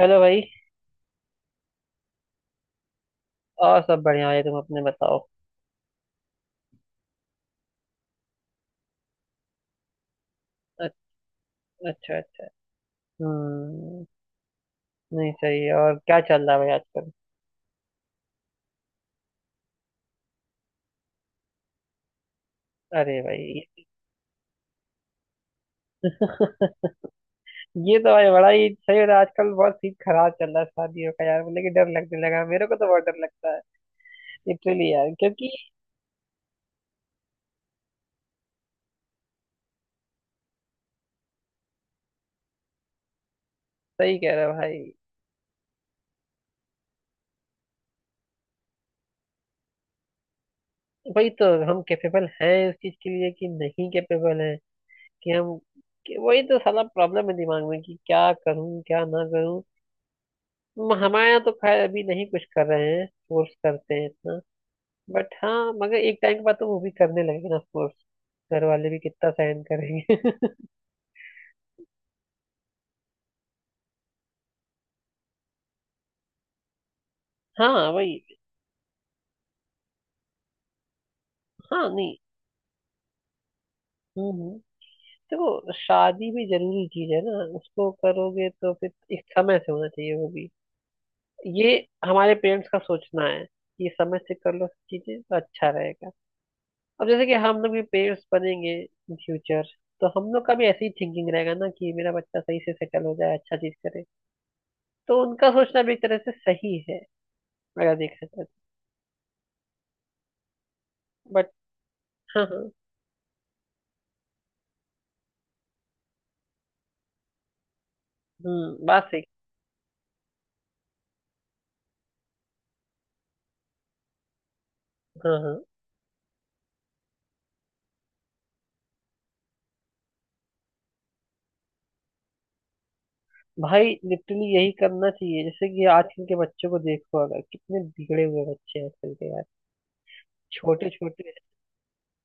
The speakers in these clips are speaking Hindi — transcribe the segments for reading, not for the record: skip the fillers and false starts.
हेलो भाई। और सब बढ़िया है, तुम अपने बताओ। अच- अच्छा अच्छा। हम्म। नहीं सही है। और क्या चल रहा है भाई आजकल? अरे भाई। ये तो भाई बड़ा ही सही हो रहा है आजकल। बहुत सीन खराब चल रहा है शादियों का यार, मुझे कि डर लगने लगा है। मेरे को तो बहुत डर लगता है लिटरली यार, क्योंकि सही कह रहे हो भाई। वही तो, हम कैपेबल हैं उस चीज के लिए कि नहीं कैपेबल हैं कि हम कि वही तो साला प्रॉब्लम है दिमाग में, कि क्या करूं क्या ना करूं। हमारे यहाँ तो खैर अभी नहीं कुछ कर रहे हैं, फोर्स करते हैं इतना। बट हाँ, मगर एक टाइम के बाद तो वो भी करने लगेंगे ना ऑफकोर्स। घर वाले भी कितना सहन करेंगे। हाँ वही। हाँ नहीं। हम्म हम्म। देखो शादी भी जरूरी चीज है ना। उसको करोगे तो फिर एक समय से होना चाहिए वो भी। ये हमारे पेरेंट्स का सोचना है कि समय से कर लो चीजें तो अच्छा रहेगा। अब जैसे कि हम लोग भी पेरेंट्स बनेंगे इन फ्यूचर, तो हम लोग का भी ऐसी ही थिंकिंग रहेगा ना कि मेरा बच्चा सही से सेटल हो जाए, अच्छा चीज करे। तो उनका सोचना भी एक तरह से सही है, अगर देखा जाए। बट हाँ हाँ। बात सही। हाँ हाँ। भाई लिटरली यही करना चाहिए। जैसे कि आजकल के बच्चों को देखो, अगर कितने बिगड़े हुए बच्चे हैं आजकल के यार। छोटे छोटे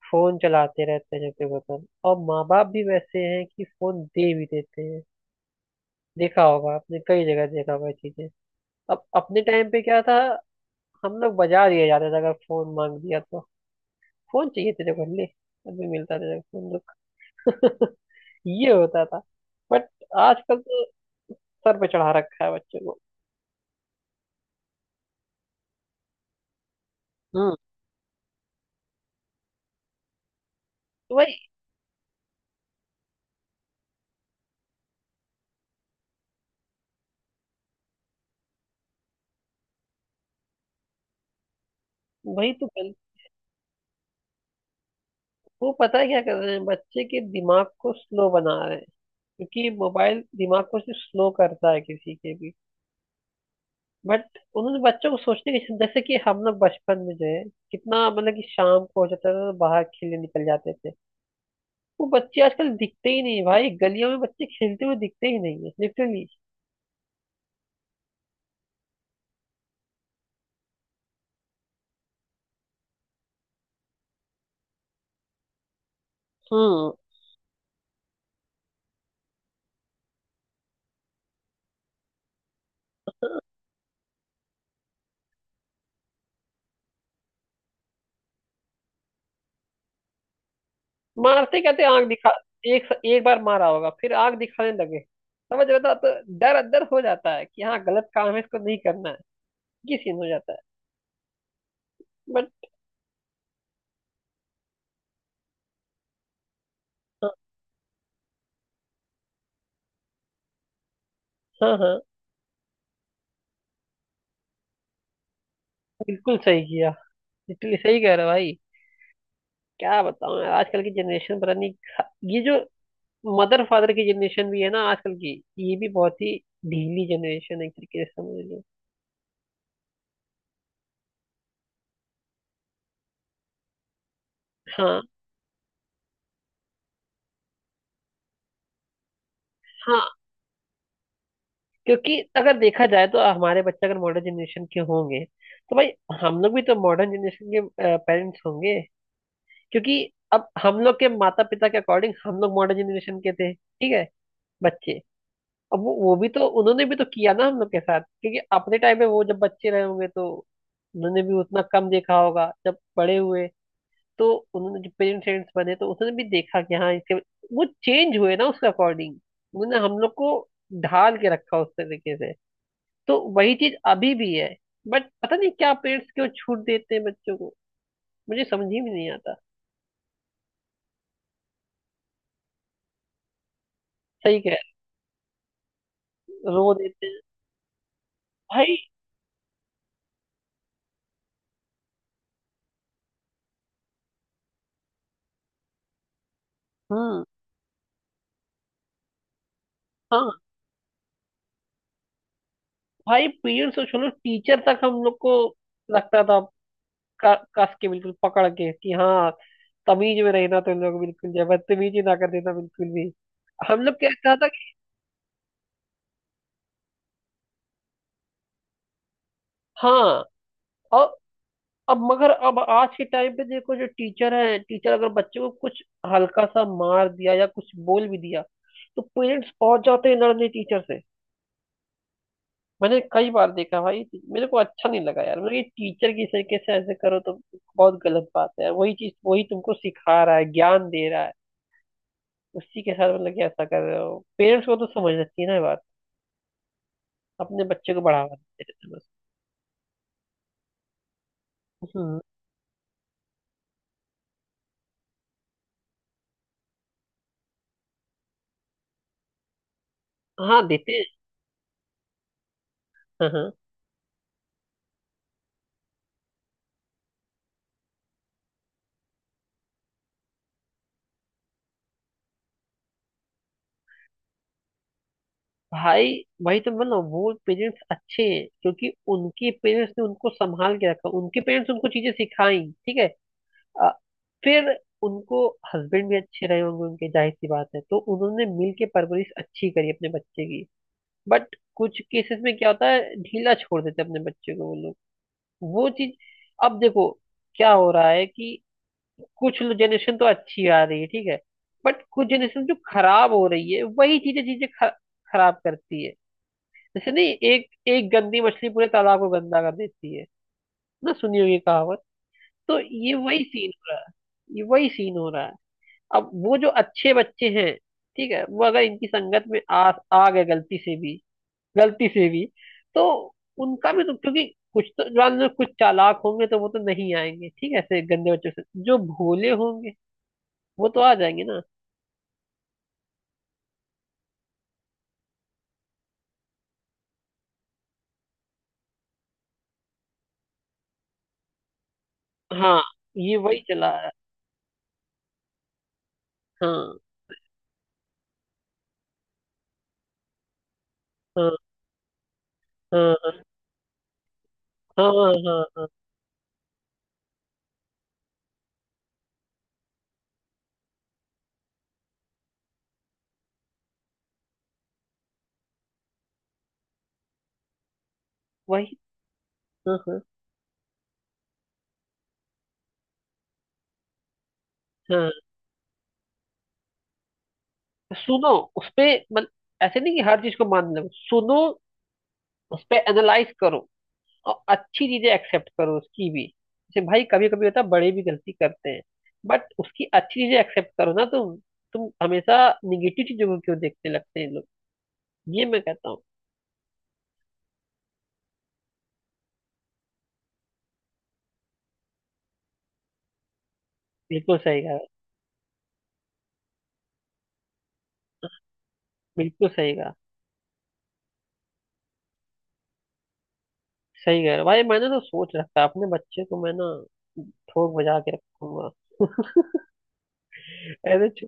फोन चलाते रहते हैं, जैसे वतन। और माँ बाप भी वैसे हैं कि फोन दे भी देते हैं। देखा होगा आपने, कई जगह देखा होगा ये चीजें। अब अपने टाइम पे क्या था, हम लोग बाजार दिया जाते थे अगर फोन मांग दिया तो। फोन चाहिए तेरे को, ले, अभी मिलता तेरे को फोन, रुक। ये होता था। बट आजकल तो सर पे चढ़ा रखा है बच्चों को। हम्म। तो भाई, वही तो गल- वो पता है क्या कर रहे हैं, बच्चे के दिमाग को स्लो बना रहे हैं। क्योंकि मोबाइल दिमाग को सिर्फ स्लो करता है, किसी के भी। बट उन्होंने बच्चों को सोचने की, जैसे कि हम लोग बचपन में जो है, कितना मतलब कि शाम को हो जाता था तो बाहर खेलने निकल जाते थे। वो बच्चे आजकल दिखते ही नहीं है भाई, गलियों में बच्चे खेलते हुए दिखते ही नहीं है लिटरली। हम्म। मारते, कहते आंख दिखा। एक एक बार मारा होगा फिर आंख दिखाने लगे। समझ रहे हो? तो डर अंदर हो जाता है कि हाँ गलत काम है, इसको नहीं करना है। ये सीन हो जाता है। बट हाँ हाँ हाँ। बिल्कुल सही किया। बिल्कुल सही कह रहे हो भाई। क्या बताऊं यार, आजकल की जनरेशन पता नहीं ये जो मदर फादर की जनरेशन भी है ना आजकल की, ये भी बहुत ही ढीली जनरेशन है एक तरीके से समझ लो। हाँ हाँ। क्योंकि अगर देखा जाए तो हमारे बच्चे अगर मॉडर्न जनरेशन के होंगे तो भाई हम लोग भी तो मॉडर्न जनरेशन के पेरेंट्स होंगे। क्योंकि अब हम लोग के माता पिता के अकॉर्डिंग हम लोग मॉडर्न जनरेशन के थे, ठीक है। बच्चे। अब वो भी तो उन्होंने भी तो किया ना हम लोग के साथ, क्योंकि अपने टाइम में वो जब बच्चे रहे होंगे तो उन्होंने भी उतना कम देखा होगा। जब बड़े हुए तो उन्होंने जब पेरेंट्स बने तो उन्होंने भी देखा कि हाँ इसके, वो चेंज हुए ना उसके अकॉर्डिंग। उन्होंने हम लोग को ढाल के रखा उस तरीके से। तो वही चीज अभी भी है। बट पता नहीं क्या पेरेंट्स क्यों छूट देते हैं बच्चों को, मुझे समझ ही में नहीं आता। सही कह रहे हो, रो देते हैं। भाई। हम्म। हाँ। भाई पेरेंट्स और चलो टीचर तक हम लोग को लगता था, कस के बिल्कुल पकड़ के कि हाँ, तमीज में रहना तुम लोग बिल्कुल जो है, बदतमीजी ना कर देना बिल्कुल भी। हम लोग कहता था कि हाँ। और अब मगर अब आज के टाइम पे देखो, जो टीचर है, टीचर अगर बच्चे को कुछ हल्का सा मार दिया या कुछ बोल भी दिया तो पेरेंट्स पहुंच जाते हैं लड़ने टीचर से। मैंने कई बार देखा भाई, मेरे को अच्छा नहीं लगा यार। मतलब ये टीचर की तरीके से ऐसे करो तो बहुत गलत बात है। वही चीज, वही तुमको सिखा रहा है, ज्ञान दे रहा है, उसी के साथ मतलब कि ऐसा कर रहे हो। पेरेंट्स को तो समझना चाहिए ना ये बात, अपने बच्चे को बढ़ावा देते रहते हैं बस। हम्म। हाँ देते हैं। हाँ हाँ। भाई। भाई तो मतलब वो पेरेंट्स अच्छे हैं क्योंकि उनके पेरेंट्स ने उनको संभाल के रखा, उनके पेरेंट्स उनको चीजें सिखाई। ठीक है। अ, फिर उनको हस्बैंड भी अच्छे रहे होंगे उनके, जाहिर सी बात है, तो उन्होंने मिल के परवरिश अच्छी करी अपने बच्चे की। बट कुछ केसेस में क्या होता है, ढीला छोड़ देते हैं अपने बच्चे को वो लोग। वो चीज। अब देखो क्या हो रहा है कि कुछ जनरेशन तो अच्छी आ रही है, ठीक है। बट कुछ जनरेशन जो खराब हो रही है, वही चीजें चीजें ख- खराब करती है। जैसे नहीं, एक एक गंदी मछली पूरे तालाब को गंदा कर देती है, ना? सुनी होगी कहावत। तो ये वही सीन हो रहा है, ये वही सीन हो रहा है। अब वो जो अच्छे बच्चे हैं, ठीक है, वो अगर इनकी संगत में आ आ गए गलती से भी, गलती से भी, तो उनका भी तो, क्योंकि कुछ तो जान लो कुछ चालाक होंगे, तो वो तो नहीं आएंगे ठीक है ऐसे गंदे बच्चों से। जो भोले होंगे वो तो आ जाएंगे ना। हाँ ये वही चला रहा है। हाँ हाँ। हाँ हाँ। हाँ हाँ, वही। हाँ हाँ हाँ। सुनो उसपे, मत, ऐसे नहीं कि हर चीज को मान लो। सुनो, उसपे एनालाइज करो और अच्छी चीजें एक्सेप्ट करो उसकी भी। जैसे भाई कभी कभी होता है बड़े भी गलती करते हैं, बट उसकी अच्छी चीजें एक्सेप्ट करो ना तुम। तुम हमेशा निगेटिव चीजों को क्यों देखने लगते हैं लोग, ये मैं कहता हूँ। बिल्कुल सही कहा। बिल्कुल सही कहा। सही कह रहे हो। भाई मैंने तो सोच रखा है, अपने बच्चे को मैं ना ठोक बजा के रखूंगा ऐसे।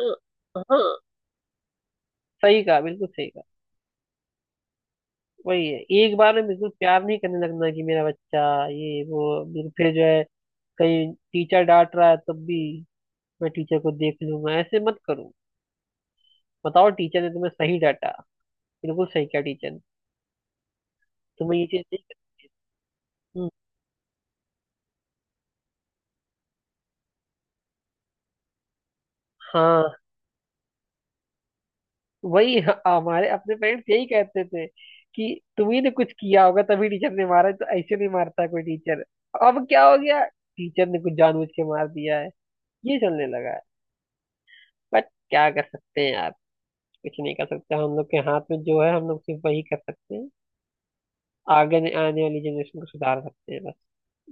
हाँ हाँ, सही कहा, बिल्कुल सही कहा। वही है, एक बार में बिल्कुल प्यार नहीं करने लगना कि मेरा बच्चा, ये वो फिर जो है कहीं टीचर डांट रहा है तब भी मैं टीचर को देख लूंगा, ऐसे मत करो। बताओ टीचर ने तुम्हें सही डांटा, बिल्कुल सही कहा टीचर ने, तुम्हें ये चीज नहीं करनी। हम्म, हाँ। हमारे अपने पेरेंट्स यही कहते थे कि तुम्ही ने कुछ किया होगा तभी टीचर ने मारा है, तो ऐसे नहीं मारता कोई टीचर। अब क्या हो गया, टीचर ने कुछ जानबूझ के मार दिया है, ये चलने लगा है। बट क्या कर सकते हैं यार, कुछ नहीं कर सकते। हम लोग के हाथ में जो है हम लोग सिर्फ वही कर सकते हैं, आने वाली जनरेशन को सुधार सकते हैं बस,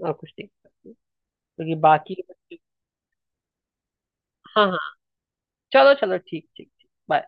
और कुछ नहीं कर सकते। क्योंकि हाँ हाँ। चलो चलो, ठीक ठीक ठीक, बाय।